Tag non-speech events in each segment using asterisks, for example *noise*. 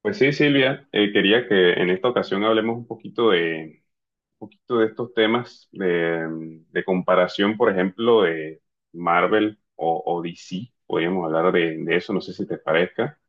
Pues sí, Silvia, quería que en esta ocasión hablemos un poquito de estos temas de de comparación, por ejemplo, de Marvel o DC. Podríamos hablar de eso, no sé si te parezca.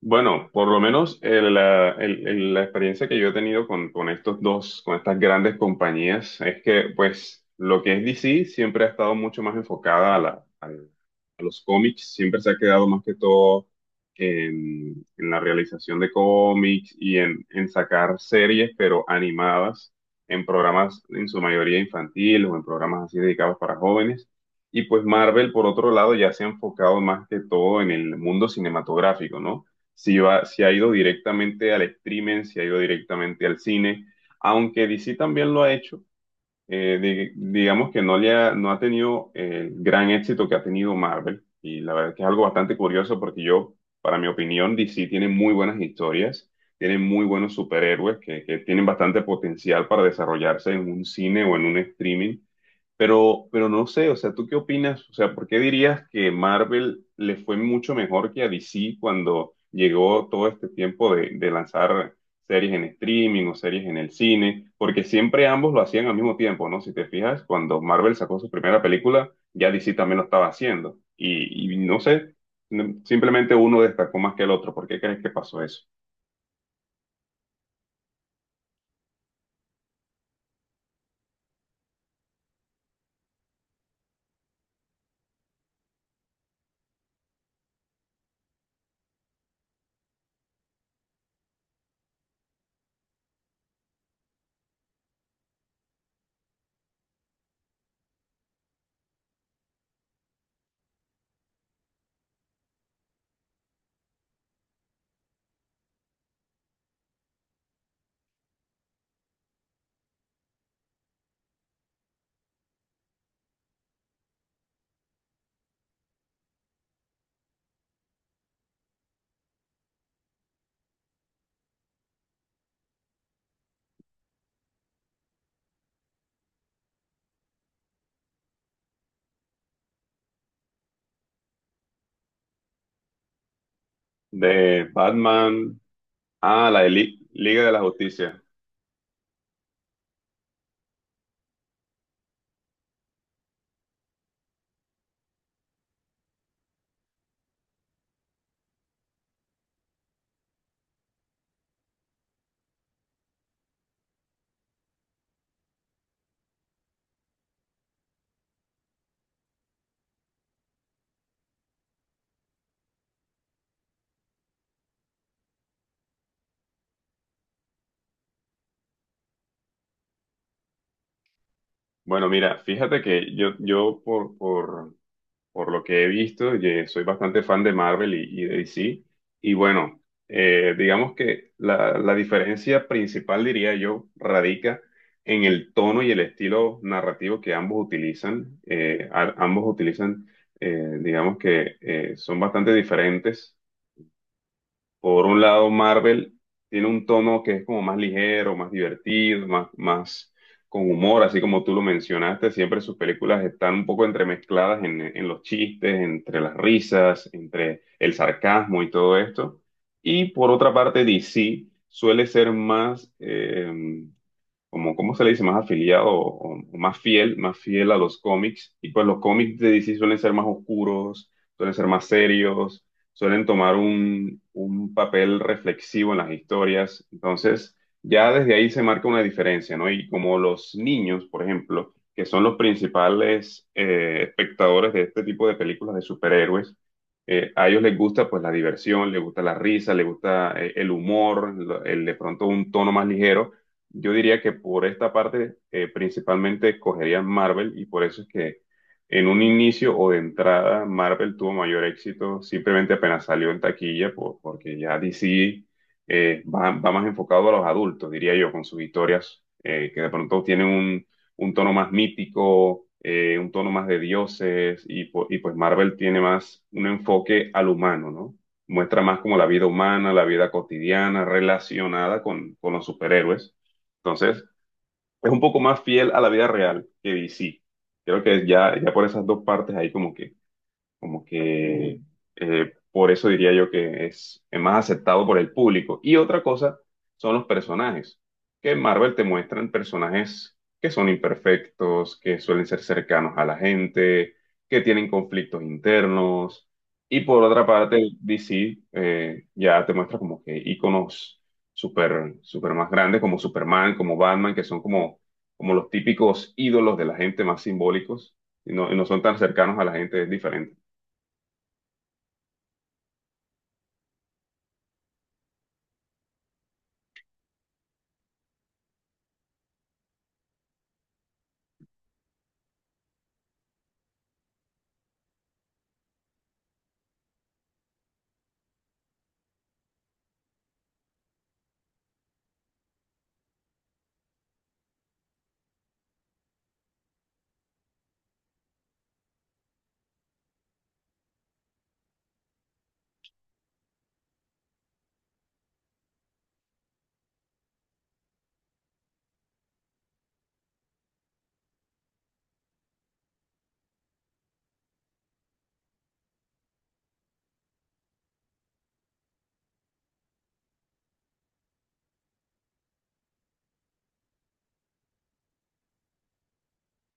Bueno, por lo menos el- la experiencia que yo he tenido con estos dos, con estas grandes compañías, es que pues lo que es DC siempre ha estado mucho más enfocada a los cómics, siempre se ha quedado más que todo en la realización de cómics y en sacar series, pero animadas, en programas en su mayoría infantiles o en programas así dedicados para jóvenes. Y pues Marvel, por otro lado, ya se ha enfocado más que todo en el mundo cinematográfico, ¿no? Si va, si ha ido directamente al streaming, si ha ido directamente al cine, aunque DC también lo ha hecho, digamos que no ha tenido el gran éxito que ha tenido Marvel, y la verdad que es algo bastante curioso porque yo, para mi opinión, DC tiene muy buenas historias, tiene muy buenos superhéroes que tienen bastante potencial para desarrollarse en un cine o en un streaming, pero no sé, o sea, ¿tú qué opinas? O sea, ¿por qué dirías que Marvel le fue mucho mejor que a DC cuando llegó todo este tiempo de lanzar series en streaming o series en el cine? Porque siempre ambos lo hacían al mismo tiempo, ¿no? Si te fijas, cuando Marvel sacó su primera película, ya DC también lo estaba haciendo. Y no sé, simplemente uno destacó más que el otro. ¿Por qué crees que pasó eso? De Batman a la de Liga de la Justicia. Bueno, mira, fíjate que yo por lo que he visto, soy bastante fan de Marvel y de DC. Y bueno, digamos que la diferencia principal, diría yo, radica en el tono y el estilo narrativo que ambos utilizan. Ambos utilizan, digamos que son bastante diferentes. Por un lado, Marvel tiene un tono que es como más ligero, más divertido, más con humor, así como tú lo mencionaste. Siempre sus películas están un poco entremezcladas en los chistes, entre las risas, entre el sarcasmo y todo esto. Y por otra parte, DC suele ser más, como, ¿cómo se le dice? Más afiliado o más fiel a los cómics. Y pues los cómics de DC suelen ser más oscuros, suelen ser más serios, suelen tomar un papel reflexivo en las historias. Entonces, ya desde ahí se marca una diferencia, ¿no? Y como los niños, por ejemplo, que son los principales espectadores de este tipo de películas de superhéroes, a ellos les gusta pues la diversión, les gusta la risa, les gusta el humor, el de pronto un tono más ligero. Yo diría que por esta parte principalmente escogerían Marvel y por eso es que en un inicio o de entrada Marvel tuvo mayor éxito, simplemente apenas salió en taquilla, porque ya DC va más enfocado a los adultos, diría yo, con sus historias que de pronto tienen un tono más mítico, un tono más de dioses y pues Marvel tiene más un enfoque al humano, ¿no? Muestra más como la vida humana, la vida cotidiana relacionada con los superhéroes. Entonces, es un poco más fiel a la vida real que DC. Creo que ya por esas dos partes ahí como que por eso diría yo que es más aceptado por el público. Y otra cosa son los personajes, que en Marvel te muestran personajes que son imperfectos, que suelen ser cercanos a la gente, que tienen conflictos internos. Y por otra parte, DC ya te muestra como que íconos super más grandes, como Superman, como Batman, que son como, como los típicos ídolos de la gente más simbólicos. Y no son tan cercanos a la gente, es diferente.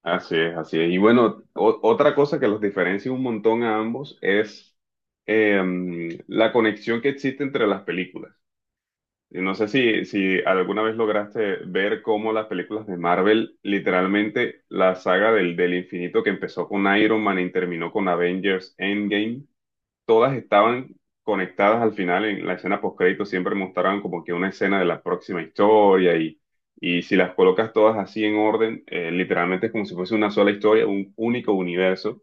Así es, así es. Y bueno, otra cosa que los diferencia un montón a ambos es la conexión que existe entre las películas. Y no sé si alguna vez lograste ver cómo las películas de Marvel, literalmente la saga del infinito que empezó con Iron Man y terminó con Avengers Endgame, todas estaban conectadas al final en la escena postcrédito, siempre mostraban como que una escena de la próxima historia y si las colocas todas así en orden, literalmente es como si fuese una sola historia, un único universo.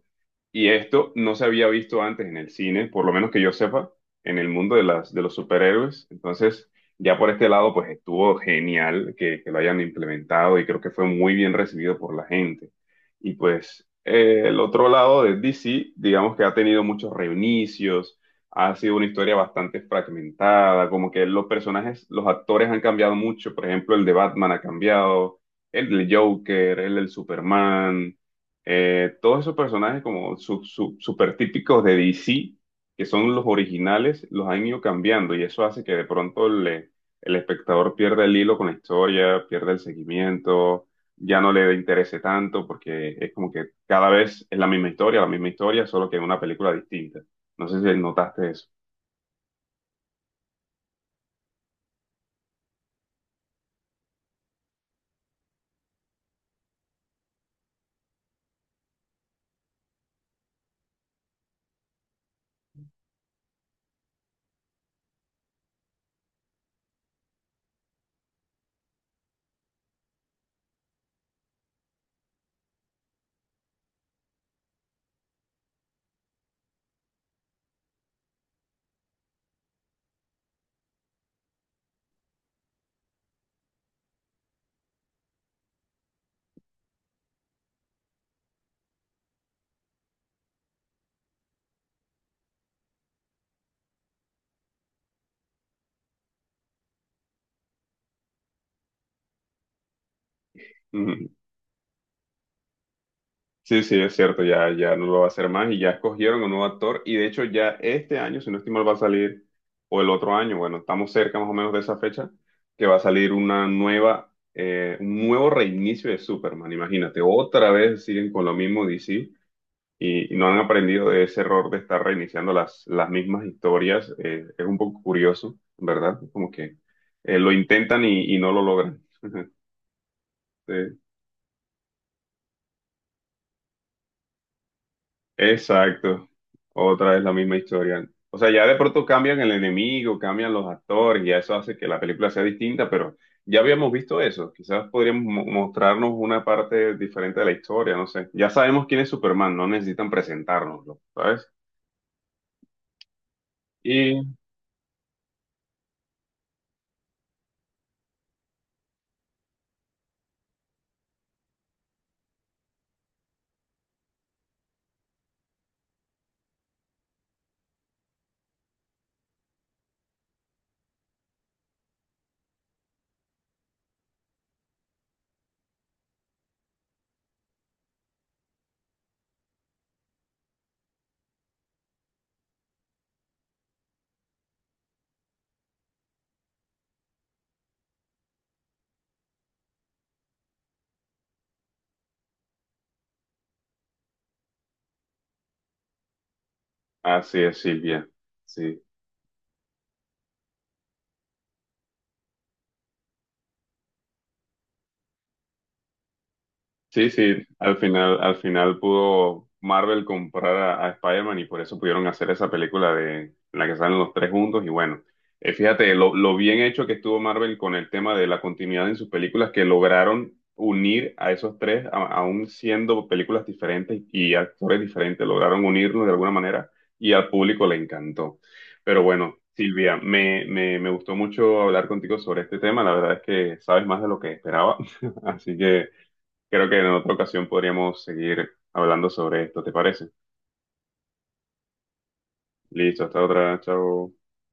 Y esto no se había visto antes en el cine, por lo menos que yo sepa, en el mundo de de los superhéroes. Entonces, ya por este lado, pues estuvo genial que lo hayan implementado y creo que fue muy bien recibido por la gente. Y pues el otro lado de DC, digamos que ha tenido muchos reinicios, ha sido una historia bastante fragmentada, como que los personajes, los actores han cambiado mucho. Por ejemplo, el de Batman ha cambiado, el del Joker, el del Superman. Todos esos personajes como super típicos de DC, que son los originales, los han ido cambiando y eso hace que de pronto el espectador pierda el hilo con la historia, pierda el seguimiento, ya no le interese tanto porque es como que cada vez es la misma historia, solo que en una película distinta. No sé si notaste eso. *laughs* Sí, sí, es cierto, ya no lo va a hacer más y ya escogieron un nuevo actor y de hecho ya este año, si no estoy mal, va a salir, o el otro año, bueno, estamos cerca más o menos de esa fecha, que va a salir una nueva, un nuevo reinicio de Superman, imagínate, otra vez siguen con lo mismo DC y no han aprendido de ese error de estar reiniciando las mismas historias, es un poco curioso, ¿verdad? Como que lo intentan y no lo logran. *laughs* Exacto, otra vez la misma historia. O sea, ya de pronto cambian el enemigo, cambian los actores, y ya eso hace que la película sea distinta, pero ya habíamos visto eso. Quizás podríamos mostrarnos una parte diferente de la historia, no sé. Ya sabemos quién es Superman, no necesitan presentárnoslo, ¿sabes? Y así es, Silvia. Sí. Sí, sí, al final pudo Marvel comprar a Spider-Man y por eso pudieron hacer esa película de en la que salen los tres juntos. Y bueno, fíjate lo bien hecho que estuvo Marvel con el tema de la continuidad en sus películas, que lograron unir a esos tres, aún siendo películas diferentes y actores diferentes, lograron unirlos de alguna manera y al público le encantó. Pero bueno, Silvia, me gustó mucho hablar contigo sobre este tema. La verdad es que sabes más de lo que esperaba. *laughs* Así que. Creo que en otra ocasión podríamos seguir hablando sobre esto, ¿te parece? Listo, hasta otra, chao.